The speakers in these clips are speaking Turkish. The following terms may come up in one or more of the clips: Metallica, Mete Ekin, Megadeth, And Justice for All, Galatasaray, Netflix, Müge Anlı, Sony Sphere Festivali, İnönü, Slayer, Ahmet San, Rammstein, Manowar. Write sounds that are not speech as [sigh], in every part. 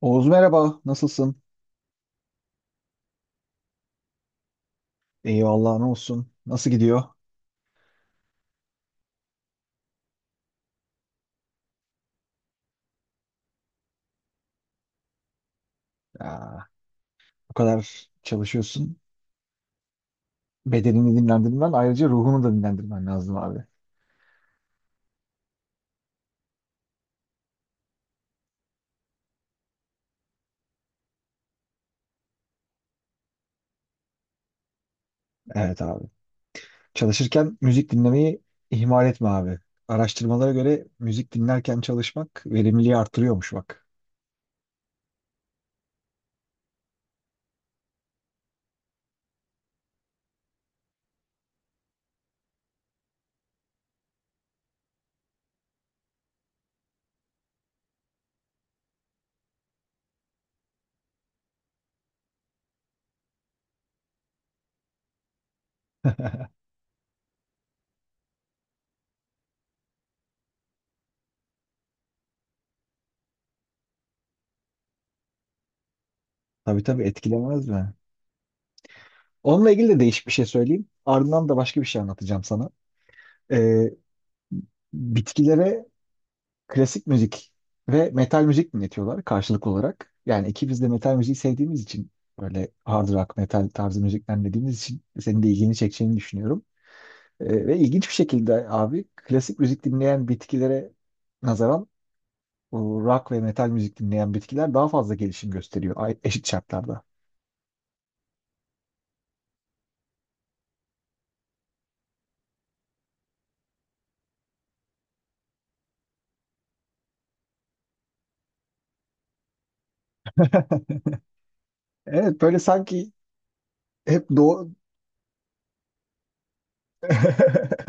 Oğuz, merhaba, nasılsın? Eyvallah, ne olsun? Nasıl gidiyor? Ya, bu kadar çalışıyorsun. Bedenini dinlendirmen, ayrıca ruhunu da dinlendirmen lazım abi. Evet abi. Çalışırken müzik dinlemeyi ihmal etme abi. Araştırmalara göre müzik dinlerken çalışmak verimliliği artırıyormuş bak. [laughs] Tabii tabii, Etkilemez mi? Onunla ilgili de değişik bir şey söyleyeyim. Ardından da başka bir şey anlatacağım sana. Ee, Bitkilere klasik müzik ve metal müzik dinletiyorlar karşılık olarak. Yani ikimiz de metal müziği sevdiğimiz için, böyle hard rock, metal tarzı müzikler dinlediğimiz için senin de ilgini çekeceğini düşünüyorum. Ve ilginç bir şekilde abi, klasik müzik dinleyen bitkilere nazaran bu rock ve metal müzik dinleyen bitkiler daha fazla gelişim gösteriyor eşit şartlarda. [laughs] Evet, böyle sanki hep doğu. [laughs]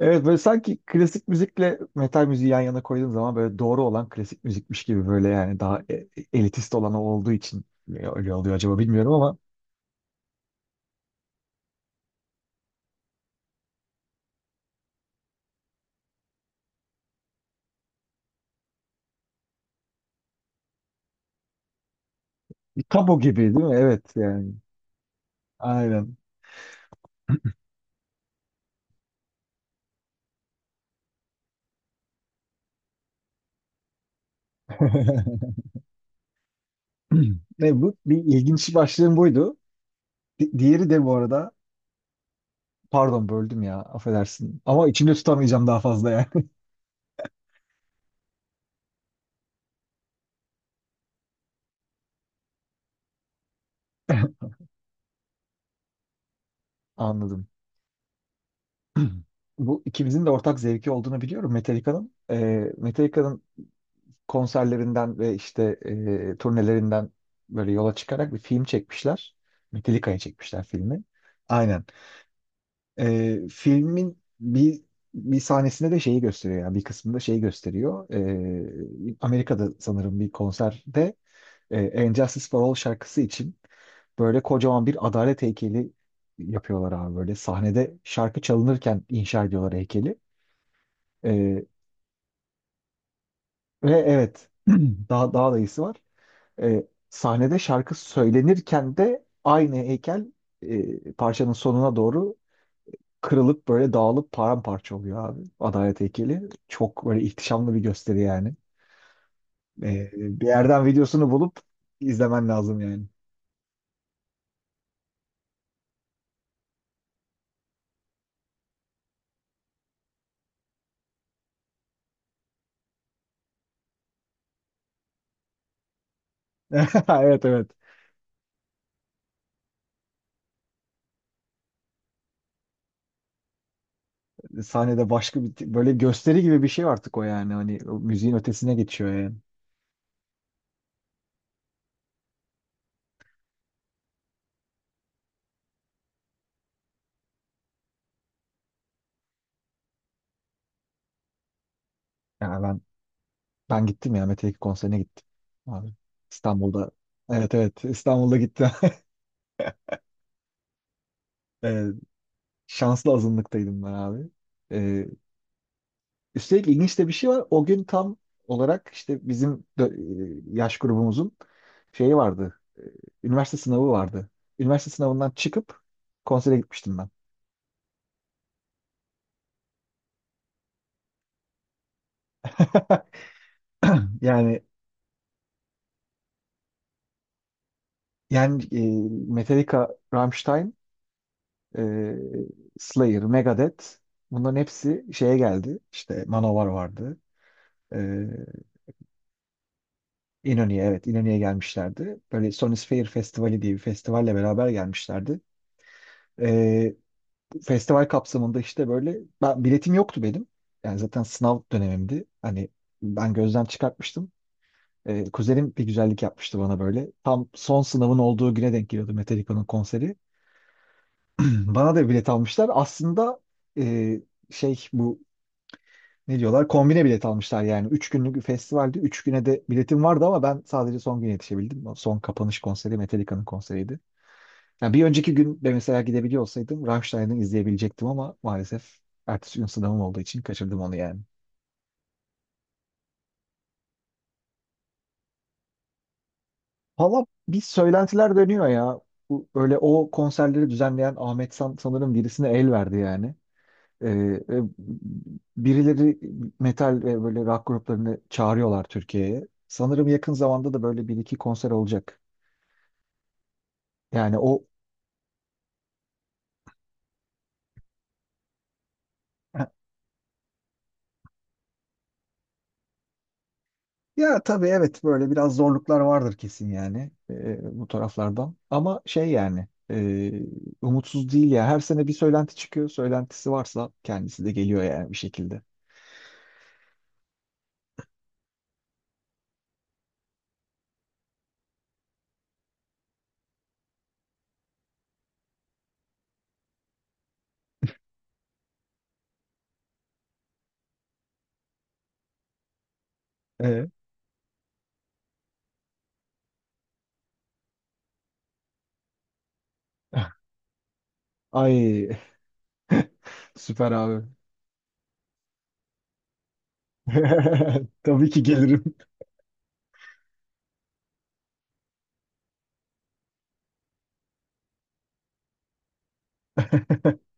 Evet, böyle sanki klasik müzikle metal müziği yan yana koyduğum zaman böyle doğru olan klasik müzikmiş gibi, böyle yani daha elitist olanı olduğu için öyle oluyor acaba, bilmiyorum ama tam o gibi değil mi? Evet yani. Aynen. [laughs] Ne bu? Bir ilginç başlığım buydu. Diğeri de bu arada, pardon böldüm ya, affedersin ama içimde tutamayacağım daha fazla yani. [laughs] Anladım. [clears throat] Bu ikimizin de ortak zevki olduğunu biliyorum, Metallica'nın. Metallica'nın konserlerinden ve işte turnelerinden böyle yola çıkarak bir film çekmişler. Metallica'ya çekmişler filmi. Aynen. Filmin bir sahnesinde de şeyi gösteriyor, yani bir kısmında şeyi gösteriyor. Amerika'da sanırım bir konserde And Justice for All şarkısı için böyle kocaman bir adalet heykeli yapıyorlar abi, böyle sahnede şarkı çalınırken inşa ediyorlar heykeli. E, Ve evet, [clears throat] daha daha da iyisi var. Sahnede şarkı söylenirken de aynı heykel parçanın sonuna doğru kırılıp böyle dağılıp paramparça oluyor abi. Adalet heykeli. Çok böyle ihtişamlı bir gösteri yani. Bir yerden videosunu bulup izlemen lazım yani. [laughs] Evet, evet. Sahnede başka bir böyle gösteri gibi bir şey artık o yani. Hani o müziğin ötesine geçiyor yani. Yani ben gittim ya, Mete Ekin konserine gittim. Abi. İstanbul'da. Evet, evet, İstanbul'da gittim. [laughs] Şanslı azınlıktaydım ben abi. Ee, Üstelik ilginç de bir şey var. O gün tam olarak işte bizim yaş grubumuzun şeyi vardı. Üniversite sınavı vardı. Üniversite sınavından çıkıp konsere gitmiştim ben. [laughs] Yani yani Metallica, Rammstein, e, Slayer, Megadeth, bunların hepsi şeye geldi. İşte Manowar vardı. E, İnönü'ye, evet, İnönü'ye gelmişlerdi. Böyle Sony Sphere Festivali diye bir festivalle beraber gelmişlerdi. E, Festival kapsamında işte böyle, ben, biletim yoktu benim. Yani zaten sınav dönemimdi. Hani ben gözden çıkartmıştım. Kuzenim bir güzellik yapmıştı bana böyle. Tam son sınavın olduğu güne denk geliyordu Metallica'nın konseri. Bana da bilet almışlar. Aslında e, şey, bu ne diyorlar? Kombine bilet almışlar yani. 3 günlük bir festivaldi. 3 güne de biletim vardı ama ben sadece son güne yetişebildim. O son kapanış konseri Metallica'nın konseriydi. Ya bir önceki gün de mesela gidebiliyor olsaydım Rammstein'ı izleyebilecektim ama maalesef ertesi gün sınavım olduğu için kaçırdım onu yani. Valla bir söylentiler dönüyor ya. Bu, böyle o konserleri düzenleyen Ahmet San sanırım birisine el verdi yani. Ee, e, birileri metal ve böyle rock gruplarını çağırıyorlar Türkiye'ye. Sanırım yakın zamanda da böyle bir iki konser olacak. Yani o Ya tabii, evet, böyle biraz zorluklar vardır kesin yani bu taraflardan. Ama şey yani, umutsuz değil ya. Her sene bir söylenti çıkıyor. Söylentisi varsa kendisi de geliyor yani bir şekilde. E? [laughs] Ay, [laughs] süper abi. [laughs] Tabii ki gelirim. [laughs]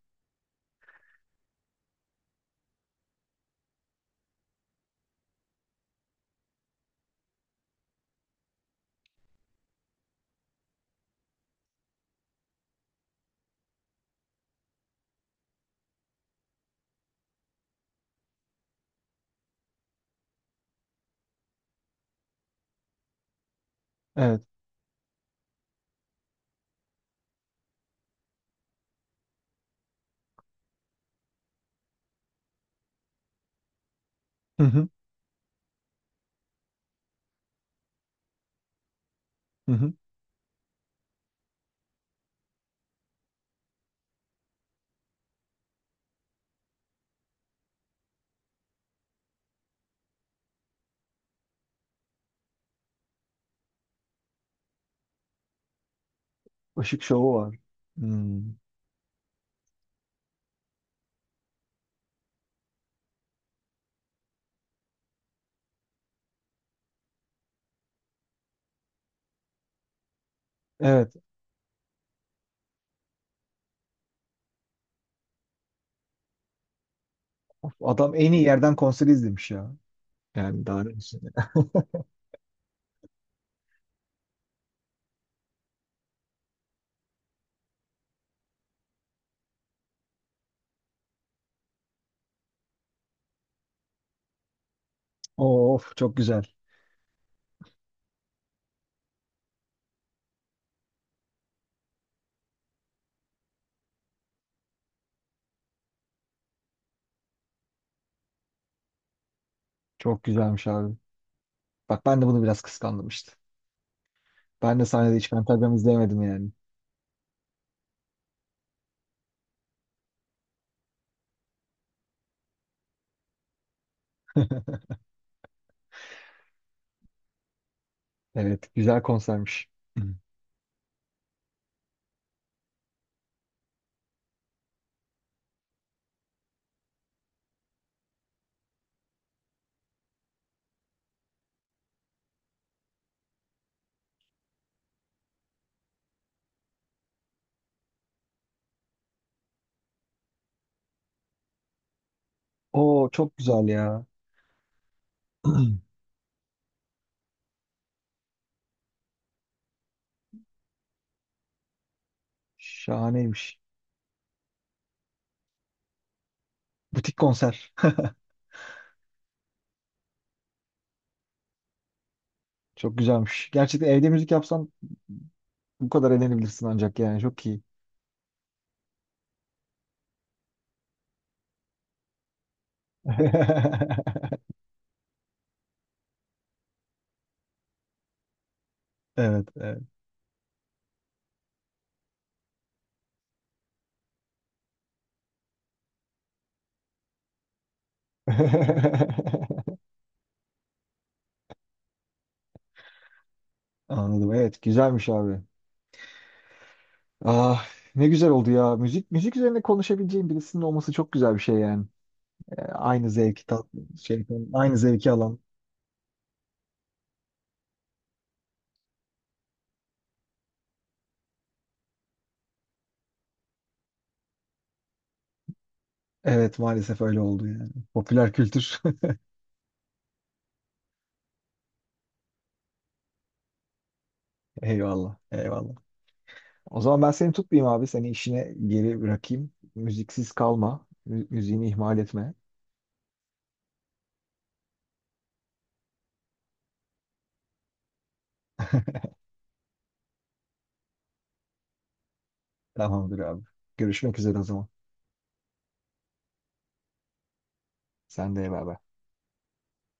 Evet. Hı hı, hı hı. Işık şovu var. Hmm. Evet. Adam en iyi yerden konser izlemiş ya. Yani daha ne düşünelim. Of, çok güzel. Çok güzelmiş abi. Bak, ben de bunu biraz kıskandım işte. Ben de sahnede hiç pentagram izleyemedim yani. [laughs] Evet, güzel konsermiş. [clears throat] Oo, çok güzel ya. [clears throat] Şahaneymiş. Butik konser. [laughs] Çok güzelmiş. Gerçekten evde müzik yapsan bu kadar eğlenebilirsin ancak yani, çok iyi. [laughs] Evet, evet. [laughs] Anladım. Evet, güzelmiş abi. Ah, ne güzel oldu ya. Müzik üzerine konuşabileceğim birisinin olması çok güzel bir şey yani. Aynı zevki tat, şey, aynı zevki alan. Evet, maalesef öyle oldu yani. Popüler kültür. [laughs] Eyvallah, eyvallah. O zaman ben seni tutmayayım abi. Seni işine geri bırakayım. Müziksiz kalma. Müziğini ihmal etme. [laughs] Tamamdır abi. Görüşmek üzere o zaman. Sen de bay bay.